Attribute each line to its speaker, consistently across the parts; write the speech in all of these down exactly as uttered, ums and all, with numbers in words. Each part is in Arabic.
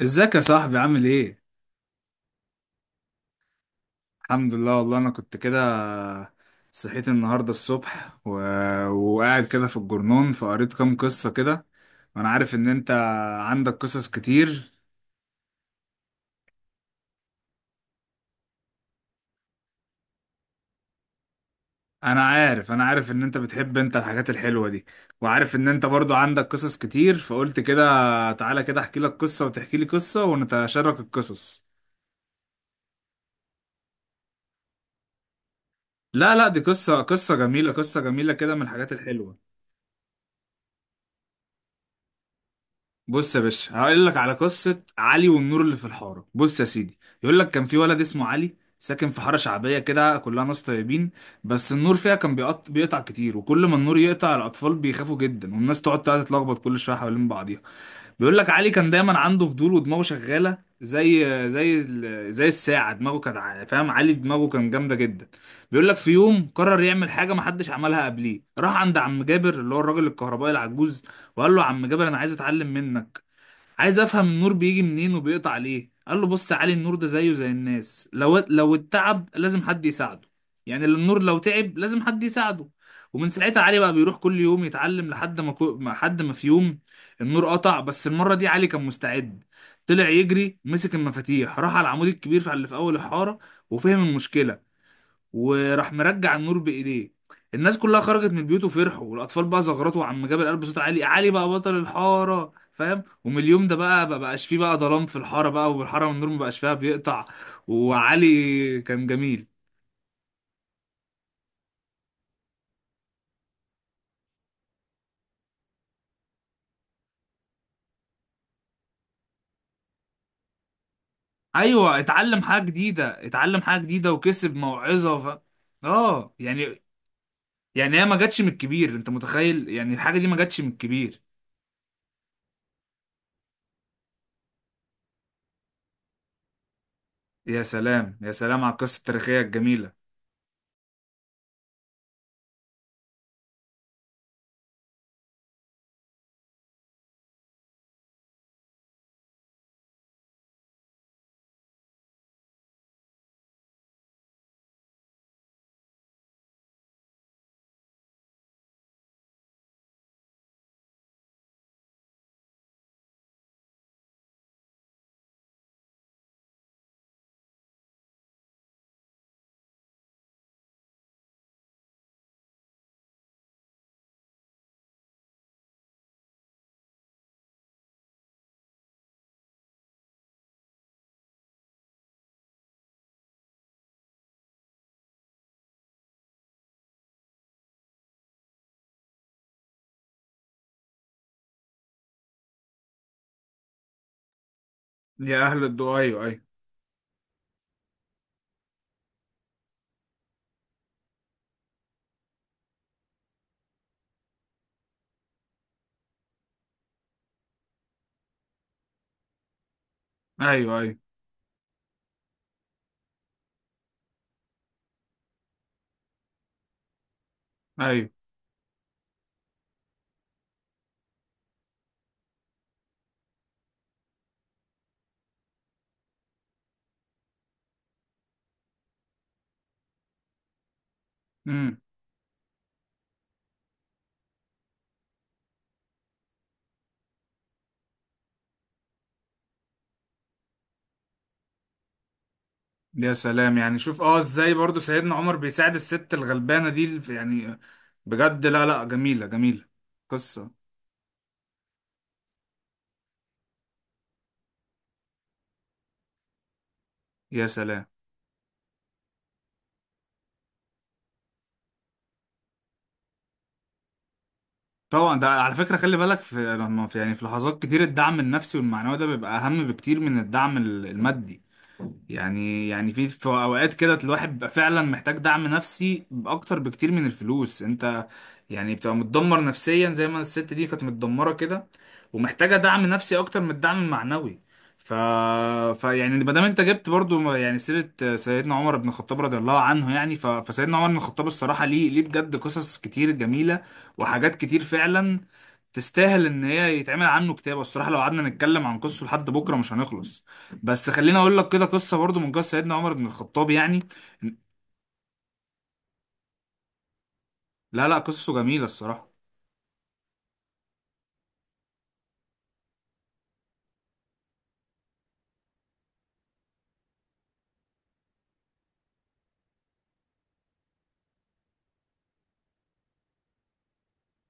Speaker 1: ازيك يا صاحبي عامل ايه؟ الحمد لله، والله انا كنت كده. صحيت النهارده الصبح و... وقاعد كده في الجرنون فقريت كام قصة كده، وانا عارف ان انت عندك قصص كتير. انا عارف انا عارف ان انت بتحب انت الحاجات الحلوة دي، وعارف ان انت برضو عندك قصص كتير فقلت كده، تعالى كده احكي لك قصة وتحكي لي قصة ونتشارك القصص. لا، لا، دي قصة قصة جميلة، قصة جميلة كده من الحاجات الحلوة. بص يا باشا، هقول لك على قصة علي والنور اللي في الحارة. بص يا سيدي، يقول لك كان في ولد اسمه علي ساكن في حارة شعبية كده كلها ناس طيبين، بس النور فيها كان بيقط... بيقطع كتير، وكل ما النور يقطع الأطفال بيخافوا جدا، والناس تقعد تقعد تتلخبط كل شوية حوالين بعضيها. بيقول لك علي كان دايما عنده فضول ودماغه شغالة زي زي ال- زي الساعة. دماغه كانت ع- فاهم، علي دماغه كان جامدة جدا. بيقول لك في يوم قرر يعمل حاجة محدش عملها قبليه، راح عند عم جابر اللي هو الراجل الكهربائي العجوز وقال له، عم جابر انا عايز اتعلم منك، عايز افهم النور بيجي منين وبيقطع ليه. قال له، بص يا علي، النور ده زيه زي الناس، لو لو اتعب لازم حد يساعده. يعني النور لو تعب لازم حد يساعده. ومن ساعتها علي بقى بيروح كل يوم يتعلم، لحد ما كو... ما- حد ما في يوم النور قطع، بس المرة دي علي كان مستعد، طلع يجري مسك المفاتيح راح على العمود الكبير في- اللي في اول الحارة وفهم المشكلة وراح مرجع النور بايديه. الناس كلها خرجت من بيوت وفرحوا، والاطفال بقى زغرطوا، عم جاب القلب بصوت عالي، علي بقى بطل الحاره، فاهم، ومن اليوم ده بقى ما بقاش فيه بقى ظلام في الحاره، بقى والحاره والنور ما بقاش فيها بيقطع. وعلي كان جميل. ايوه، اتعلم حاجه جديده اتعلم حاجه جديده وكسب موعظه. ف... اه، يعني، يعني هي ما جاتش من الكبير، انت متخيل يعني الحاجه دي ما جاتش من الكبير. يا سلام، يا سلام على القصه التاريخيه الجميله. يا اهل الدو، ايوه. ايوه، ايوه، ايوه. ايوه، مم. يا سلام، يعني شوف، اه ازاي برضو سيدنا عمر بيساعد الست الغلبانة دي في- يعني، بجد. لا، لا، جميلة، جميلة قصة. يا سلام. طبعا، ده على فكرة خلي بالك، في لما في يعني في لحظات كتير الدعم النفسي والمعنوي ده بيبقى أهم بكتير من الدعم ال- المادي. يعني يعني في في اوقات كده الواحد بيبقى فعلا محتاج دعم نفسي اكتر بكتير من الفلوس. انت يعني بتبقى متدمر نفسيا زي ما الست دي كانت متدمرة كده، ومحتاجة دعم نفسي اكتر من الدعم المعنوي. ف... ف يعني، ما دام انت جبت برضو ما- يعني سيرة سيدنا عمر بن الخطاب رضي الله عنه، يعني ف... فسيدنا عمر بن الخطاب الصراحة ليه ليه بجد قصص كتير جميلة وحاجات كتير فعلا تستاهل ان هي يتعمل عنه كتاب. الصراحة لو قعدنا نتكلم عن قصته لحد بكرة مش هنخلص، بس خليني اقول لك كده قصه برضو من قصه سيدنا عمر بن الخطاب يعني. لا، لا، قصصه جميله الصراحه.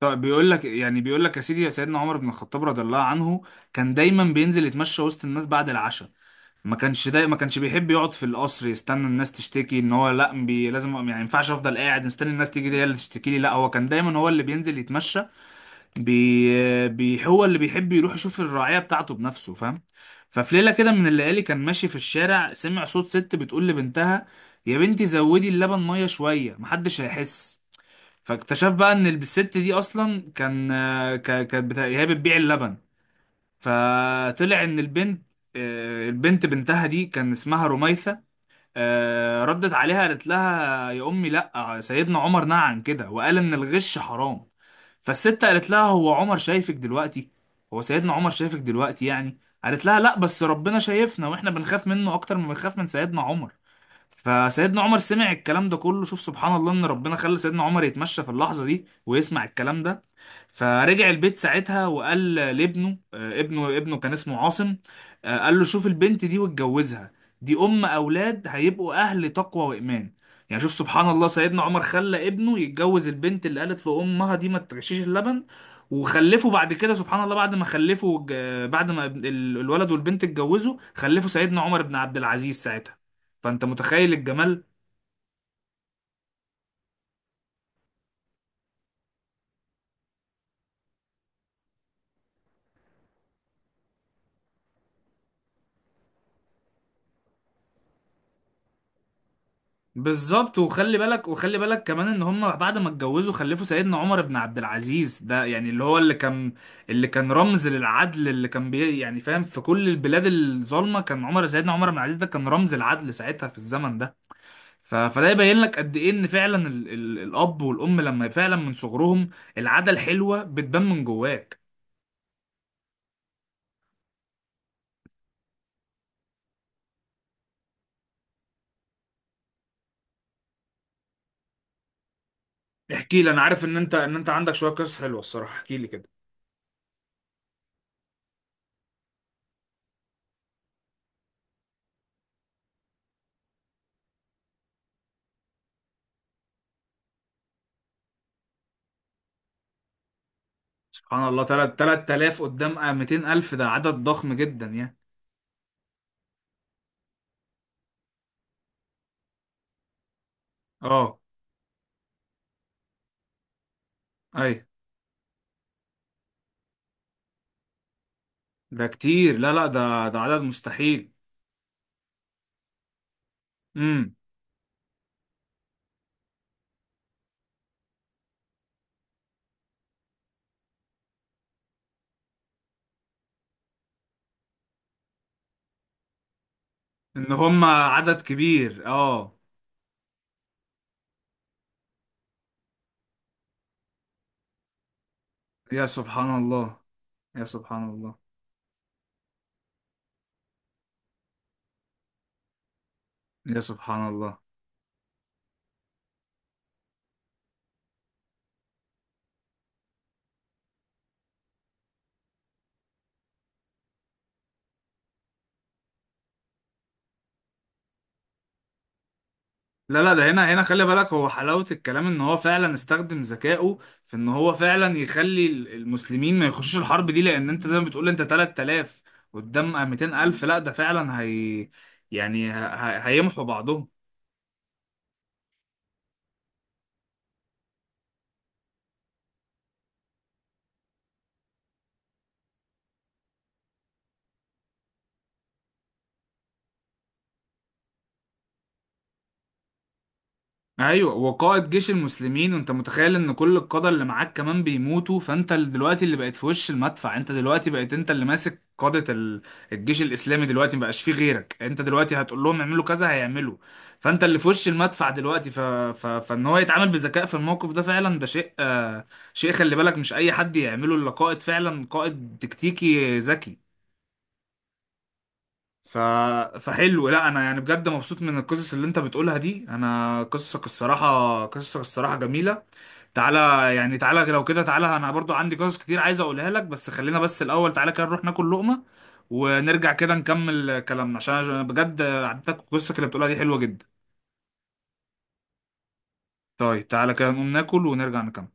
Speaker 1: طب بيقول لك يعني بيقول لك يا سيدي، يا سيدنا عمر بن الخطاب رضي الله عنه كان دايما بينزل يتمشى وسط الناس بعد العشاء. ما كانش داي ما كانش بيحب يقعد في القصر يستنى الناس تشتكي، ان هو لا، بي لازم، يعني ما ينفعش افضل قاعد مستني الناس تيجي هي اللي تشتكي لي، لا هو كان دايما هو اللي بينزل يتمشى، بي... بي هو اللي بيحب يروح يشوف الرعاية بتاعته بنفسه، فاهم. ففي ليلة كده من الليالي كان ماشي في الشارع، سمع صوت ست بتقول لبنتها، يا بنتي زودي اللبن مية شوية محدش هيحس. فاكتشف بقى ان الست دي اصلا كان آه، ك... كانت بتا... هي بتبيع اللبن. فطلع ان البنت آه، البنت بنتها دي كان اسمها رميثة. آه، ردت عليها قالت لها، يا امي لا، سيدنا عمر نهى عن كده وقال ان الغش حرام. فالست قالت لها، هو عمر شايفك دلوقتي؟ هو سيدنا عمر شايفك دلوقتي يعني؟ قالت لها، لا بس ربنا شايفنا واحنا بنخاف منه اكتر ما بنخاف من سيدنا عمر. فسيدنا عمر سمع الكلام ده كله. شوف سبحان الله ان ربنا خلى سيدنا عمر يتمشى في اللحظة دي ويسمع الكلام ده. فرجع البيت ساعتها وقال لابنه، آه، ابنه ابنه كان اسمه عاصم. آه، قال له، شوف البنت دي واتجوزها، دي ام اولاد هيبقوا اهل تقوى وايمان. يعني شوف سبحان الله، سيدنا عمر خلى ابنه يتجوز البنت اللي قالت له امها دي ما تغشيش اللبن. وخلفوا بعد كده سبحان الله، بعد ما خلفوا ج- بعد ما ابن- ال- الولد والبنت اتجوزوا خلفوا سيدنا عمر بن عبد العزيز ساعتها. فانت متخيل الجمال. بالظبط، وخلي بالك وخلي بالك كمان ان هم بعد ما اتجوزوا خلفوا سيدنا عمر بن عبد العزيز ده، يعني اللي هو اللي كان اللي كان رمز للعدل، اللي كان بي يعني فاهم، في كل البلاد الظالمه كان عمر سيدنا عمر بن عبد العزيز ده كان رمز العدل ساعتها في الزمن ده. ف... فده يبين لك قد ايه ان فعلا ال... ال... الاب والام لما فعلا من صغرهم، العاده الحلوه بتبان من جواك. احكي لي، انا عارف ان انت ان انت عندك شويه قصص حلوه الصراحه، احكي لي كده. سبحان الله، تلات تلات آلاف قدام آه، ميتين ألف، ده عدد ضخم جدا يعني. اه. أي. ده كتير، لا، لا، ده ده عدد مستحيل. امم إن هم عدد كبير، اه. يا سبحان الله. يا سبحان الله. يا سبحان الله. لا، لا، ده هنا هنا خلي بالك، هو حلاوة الكلام إن هو فعلا استخدم ذكائه في إن هو فعلا يخلي ال- المسلمين ما يخشوش الحرب دي، لأن أنت زي ما بتقول أنت تلات آلاف قدام آه، ميتين ألف، لا ده فعلا هي، يعني ه- ه- هيمحوا بعضهم. ايوه، وقائد جيش المسلمين، وانت متخيل ان كل القادة اللي معاك كمان بيموتوا، فانت ال- دلوقتي اللي بقيت في وش المدفع، انت دلوقتي بقيت انت اللي ماسك قادة ال- الجيش الاسلامي دلوقتي مبقاش فيه غيرك، انت دلوقتي هتقول لهم اعملوا كذا هيعملوا، فانت اللي في وش المدفع دلوقتي. ف... ف... فان هو يتعامل بذكاء في الموقف ده فعلا، ده شيء، آه... شيء، خلي بالك مش اي حد يعمله الا قائد، فعلا قائد تكتيكي ذكي. ف... فحلو. لا انا يعني بجد مبسوط من القصص اللي انت بتقولها دي، انا قصصك الصراحة قصصك الصراحة جميلة. تعالى، يعني تعالى لو كده، تعالى انا برضو عندي قصص كتير عايز اقولها لك، بس خلينا بس الاول تعالى كده نروح ناكل لقمة ونرجع كده نكمل كلامنا، عشان أنا بجد عدتك قصتك اللي بتقولها دي حلوة جدا. طيب تعالى كده نقوم ناكل ونرجع نكمل.